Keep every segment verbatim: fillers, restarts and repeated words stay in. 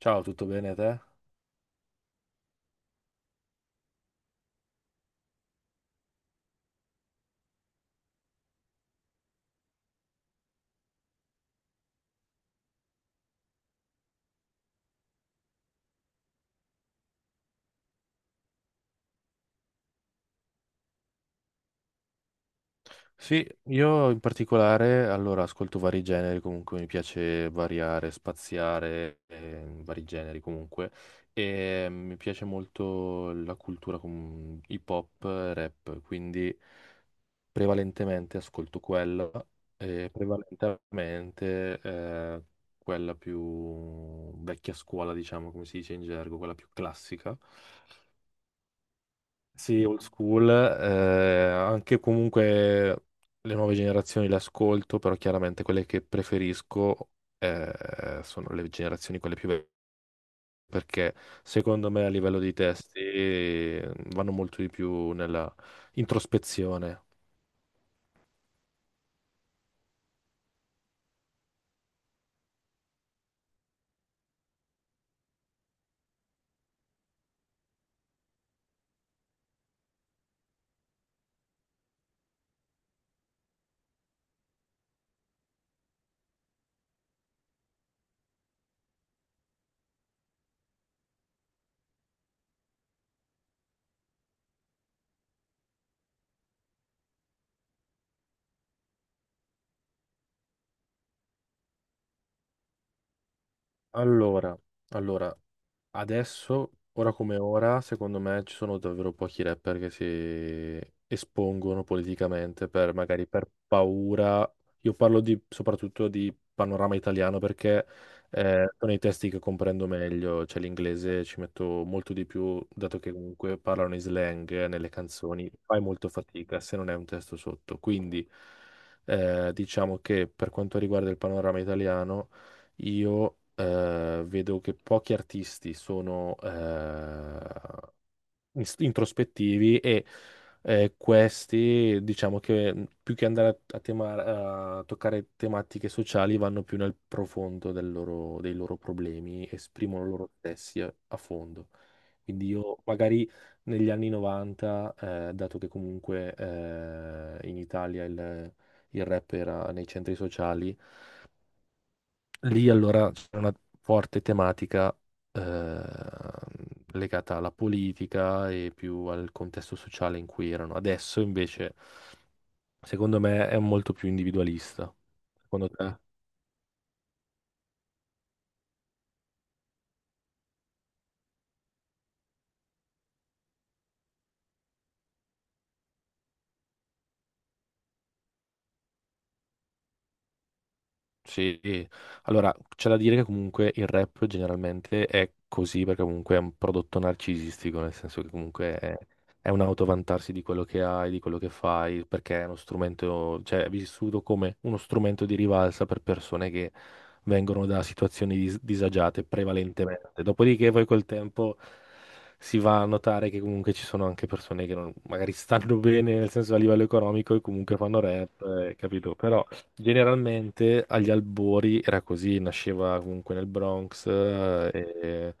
Ciao, tutto bene te? Sì, io in particolare, allora, ascolto vari generi, comunque mi piace variare, spaziare, eh, vari generi comunque, e mi piace molto la cultura com- hip hop, rap, quindi prevalentemente ascolto quella, e prevalentemente eh, quella più vecchia scuola, diciamo, come si dice in gergo, quella più classica. Sì, old school, eh, anche comunque le nuove generazioni le ascolto, però chiaramente quelle che preferisco eh, sono le generazioni quelle più vecchie, perché secondo me a livello di testi eh, vanno molto di più nella introspezione. Allora, allora, Adesso, ora come ora, secondo me ci sono davvero pochi rapper che si espongono politicamente per magari per paura. Io parlo di, soprattutto di panorama italiano perché eh, sono i testi che comprendo meglio, cioè l'inglese ci metto molto di più, dato che comunque parlano in slang nelle canzoni, fai molto fatica se non è un testo sotto. Quindi eh, diciamo che per quanto riguarda il panorama italiano io eh, vedo che pochi artisti sono eh, ins- introspettivi e eh, questi, diciamo che mh, più che andare a, a tema- a toccare tematiche sociali, vanno più nel profondo del loro- dei loro problemi, esprimono loro stessi a, a fondo. Quindi io magari negli anni novanta, eh, dato che comunque eh, in Italia il il rap era nei centri sociali. Lì allora c'è una forte tematica eh, legata alla politica e più al contesto sociale in cui erano. Adesso invece, secondo me, è molto più individualista. Secondo te? Sì, sì. Allora c'è da dire che comunque il rap generalmente è così perché comunque è un prodotto narcisistico, nel senso che comunque è, è un autovantarsi di quello che hai, di quello che fai, perché è uno strumento, cioè è vissuto come uno strumento di rivalsa per persone che vengono da situazioni dis- disagiate prevalentemente. Dopodiché poi col tempo si va a notare che comunque ci sono anche persone che non- magari stanno bene, nel senso a livello economico e comunque fanno rap, eh, capito? Però generalmente agli albori era così, nasceva comunque nel Bronx, eh, e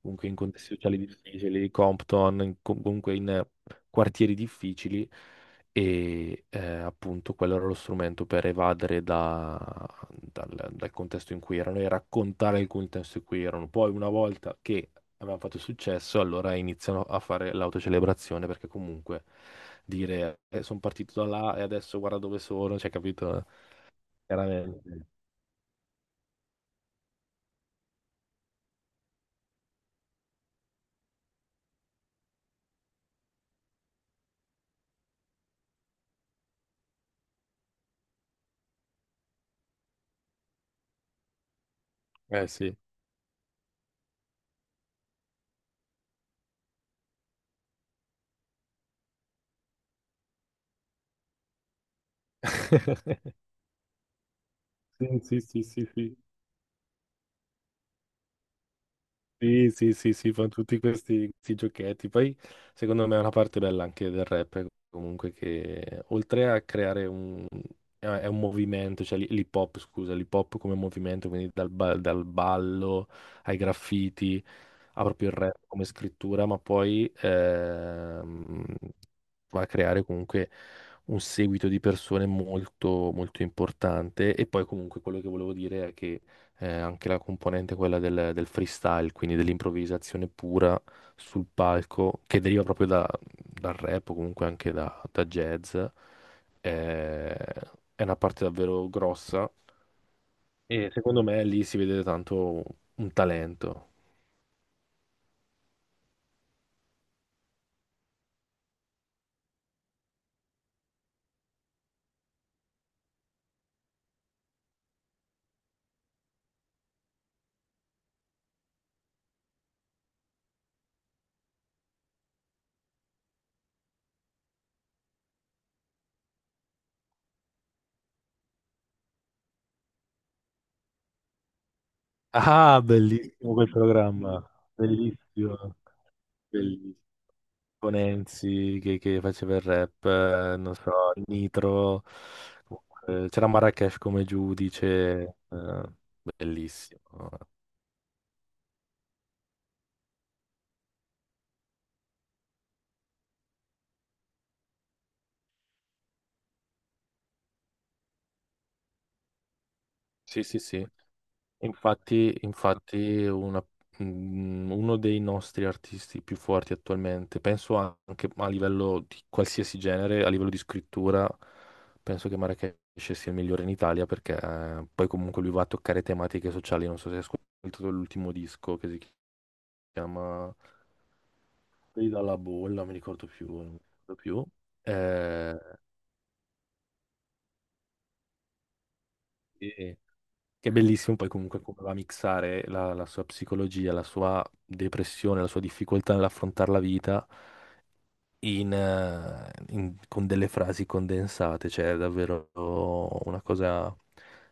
comunque in contesti sociali difficili, Compton, in- com- comunque in eh, quartieri difficili e eh, appunto quello era lo strumento per evadere da- dal, dal contesto in cui erano e raccontare il contesto in cui erano. Poi una volta che avevano fatto successo, allora iniziano a fare l'autocelebrazione perché comunque dire sono partito da là e adesso guarda dove sono, cioè capito? Chiaramente. Eh sì. Sì, sì, sì, sì, sì. Sì, sì, sì, sì, fa tutti questi, questi giochetti. Poi, secondo me, è una parte bella anche del rap, comunque, che oltre a creare un... è è un movimento, cioè l'hi- l'hip hop, scusa, l'hip hop come movimento, quindi dal, ba- dal ballo ai graffiti, ha proprio il rap come scrittura, ma poi ehm, va a creare comunque un seguito di persone molto, molto importante. E poi comunque quello che volevo dire è che eh, anche la componente quella del, del freestyle, quindi dell'improvvisazione pura sul palco, che deriva proprio da- dal rap o comunque anche da, da jazz, eh, è una parte davvero grossa e secondo me lì si vede tanto un talento. Ah, bellissimo quel programma, bellissimo, bellissimo. Con Enzi che, che faceva il rap, eh, non so, Nitro, comunque, c'era Marracash come giudice, eh, bellissimo. Sì, sì, sì. Infatti, infatti una- mm, uno dei nostri artisti più forti attualmente, penso anche a livello di qualsiasi genere, a livello di scrittura, penso che Marracash sia il migliore in Italia perché eh, poi comunque lui va a toccare tematiche sociali, non so se hai ascoltato l'ultimo disco che si chiama... fuori dalla bolla, non mi ricordo più, non mi ricordo più. Eh, e- che è bellissimo poi comunque come va a mixare la, la sua psicologia, la sua depressione, la sua difficoltà nell'affrontare la vita in, eh, in- con delle frasi condensate, cioè è davvero una cosa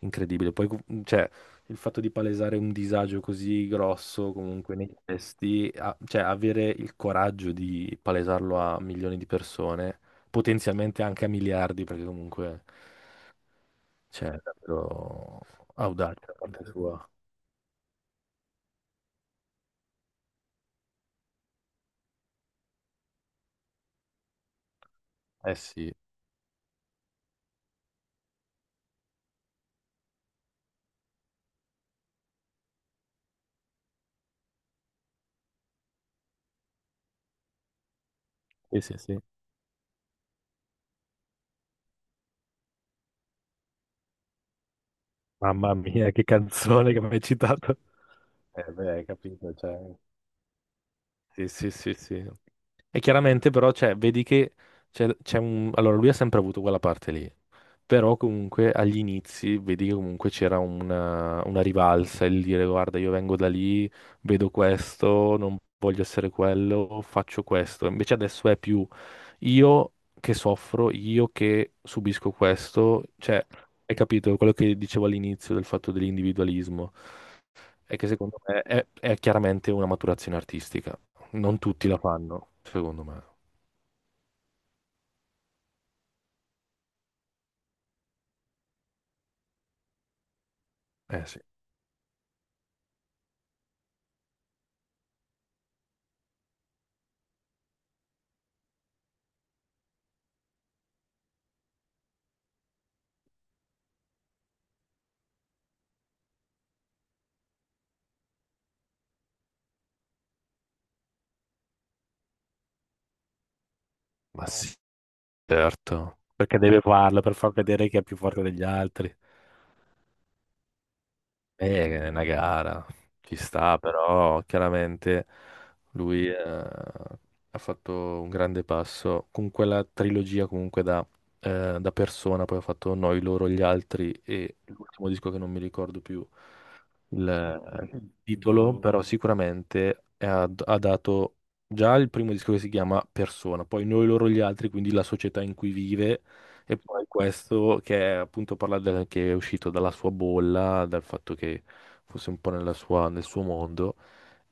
incredibile. Poi, cu- cioè, il fatto di palesare un disagio così grosso comunque nei testi, a- cioè avere il coraggio di palesarlo a milioni di persone, potenzialmente anche a miliardi, perché comunque cioè, è davvero audace da parte sua. Eh sì, sì, sì, sì. Mamma mia, che canzone che mi hai citato. Eh beh, hai capito, cioè... Sì, sì, sì, sì. E chiaramente però cioè, vedi che c'è c'è un... Allora lui ha sempre avuto quella parte lì, però comunque agli inizi vedi che comunque c'era una, una rivalsa, il dire guarda io vengo da lì, vedo questo, non voglio essere quello, faccio questo. Invece adesso è più io che soffro, io che subisco questo, cioè hai capito quello che dicevo all'inizio del fatto dell'individualismo, è che secondo me è è chiaramente una maturazione artistica, non tutti la fanno, secondo me. Eh sì, ma Eh, sì, certo. Perché deve farlo per far vedere che è più forte degli altri. Eh, è una gara, ci sta, però chiaramente lui eh, ha fatto un grande passo con quella trilogia comunque da, eh, da persona, poi ha fatto Noi, loro, gli altri e l'ultimo disco che non mi ricordo più. Il il titolo, però sicuramente è- ha, ha dato già il primo disco che si chiama Persona, poi Noi, loro, gli altri, quindi la società in cui vive, e poi questo che è appunto parla del, che è uscito dalla sua bolla, dal fatto che fosse un po' nella sua- nel suo mondo,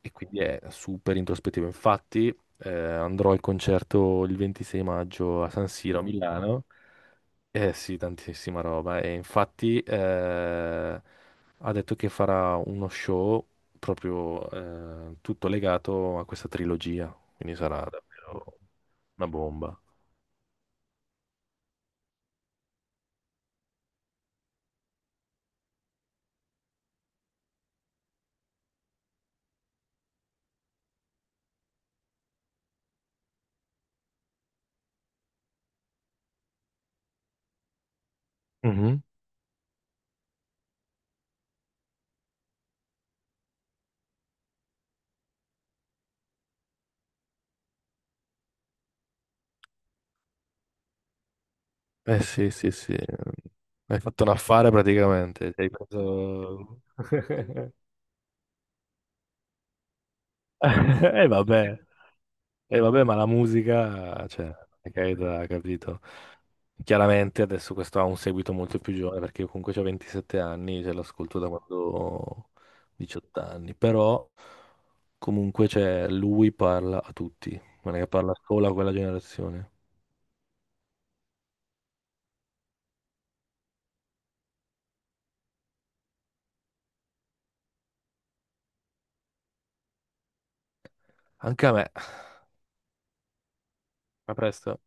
e quindi è super introspettivo. Infatti, eh, andrò al concerto il ventisei maggio a San Siro a Milano. Eh sì, tantissima roba. E infatti eh, ha detto che farà uno show proprio eh, tutto legato a questa trilogia. Quindi sarà davvero una bomba. Mhm. Eh sì, sì, sì. Hai fatto un affare praticamente. Ti hai preso... E vabbè. Eh, vabbè, ma la musica, cioè, è carità, capito? Chiaramente adesso questo ha un seguito molto più giovane perché io comunque ho ventisette anni, ce l'ascolto da quando ho diciotto anni, però comunque cioè, lui parla a tutti, non è che parla solo a quella generazione. Anche a me. A presto.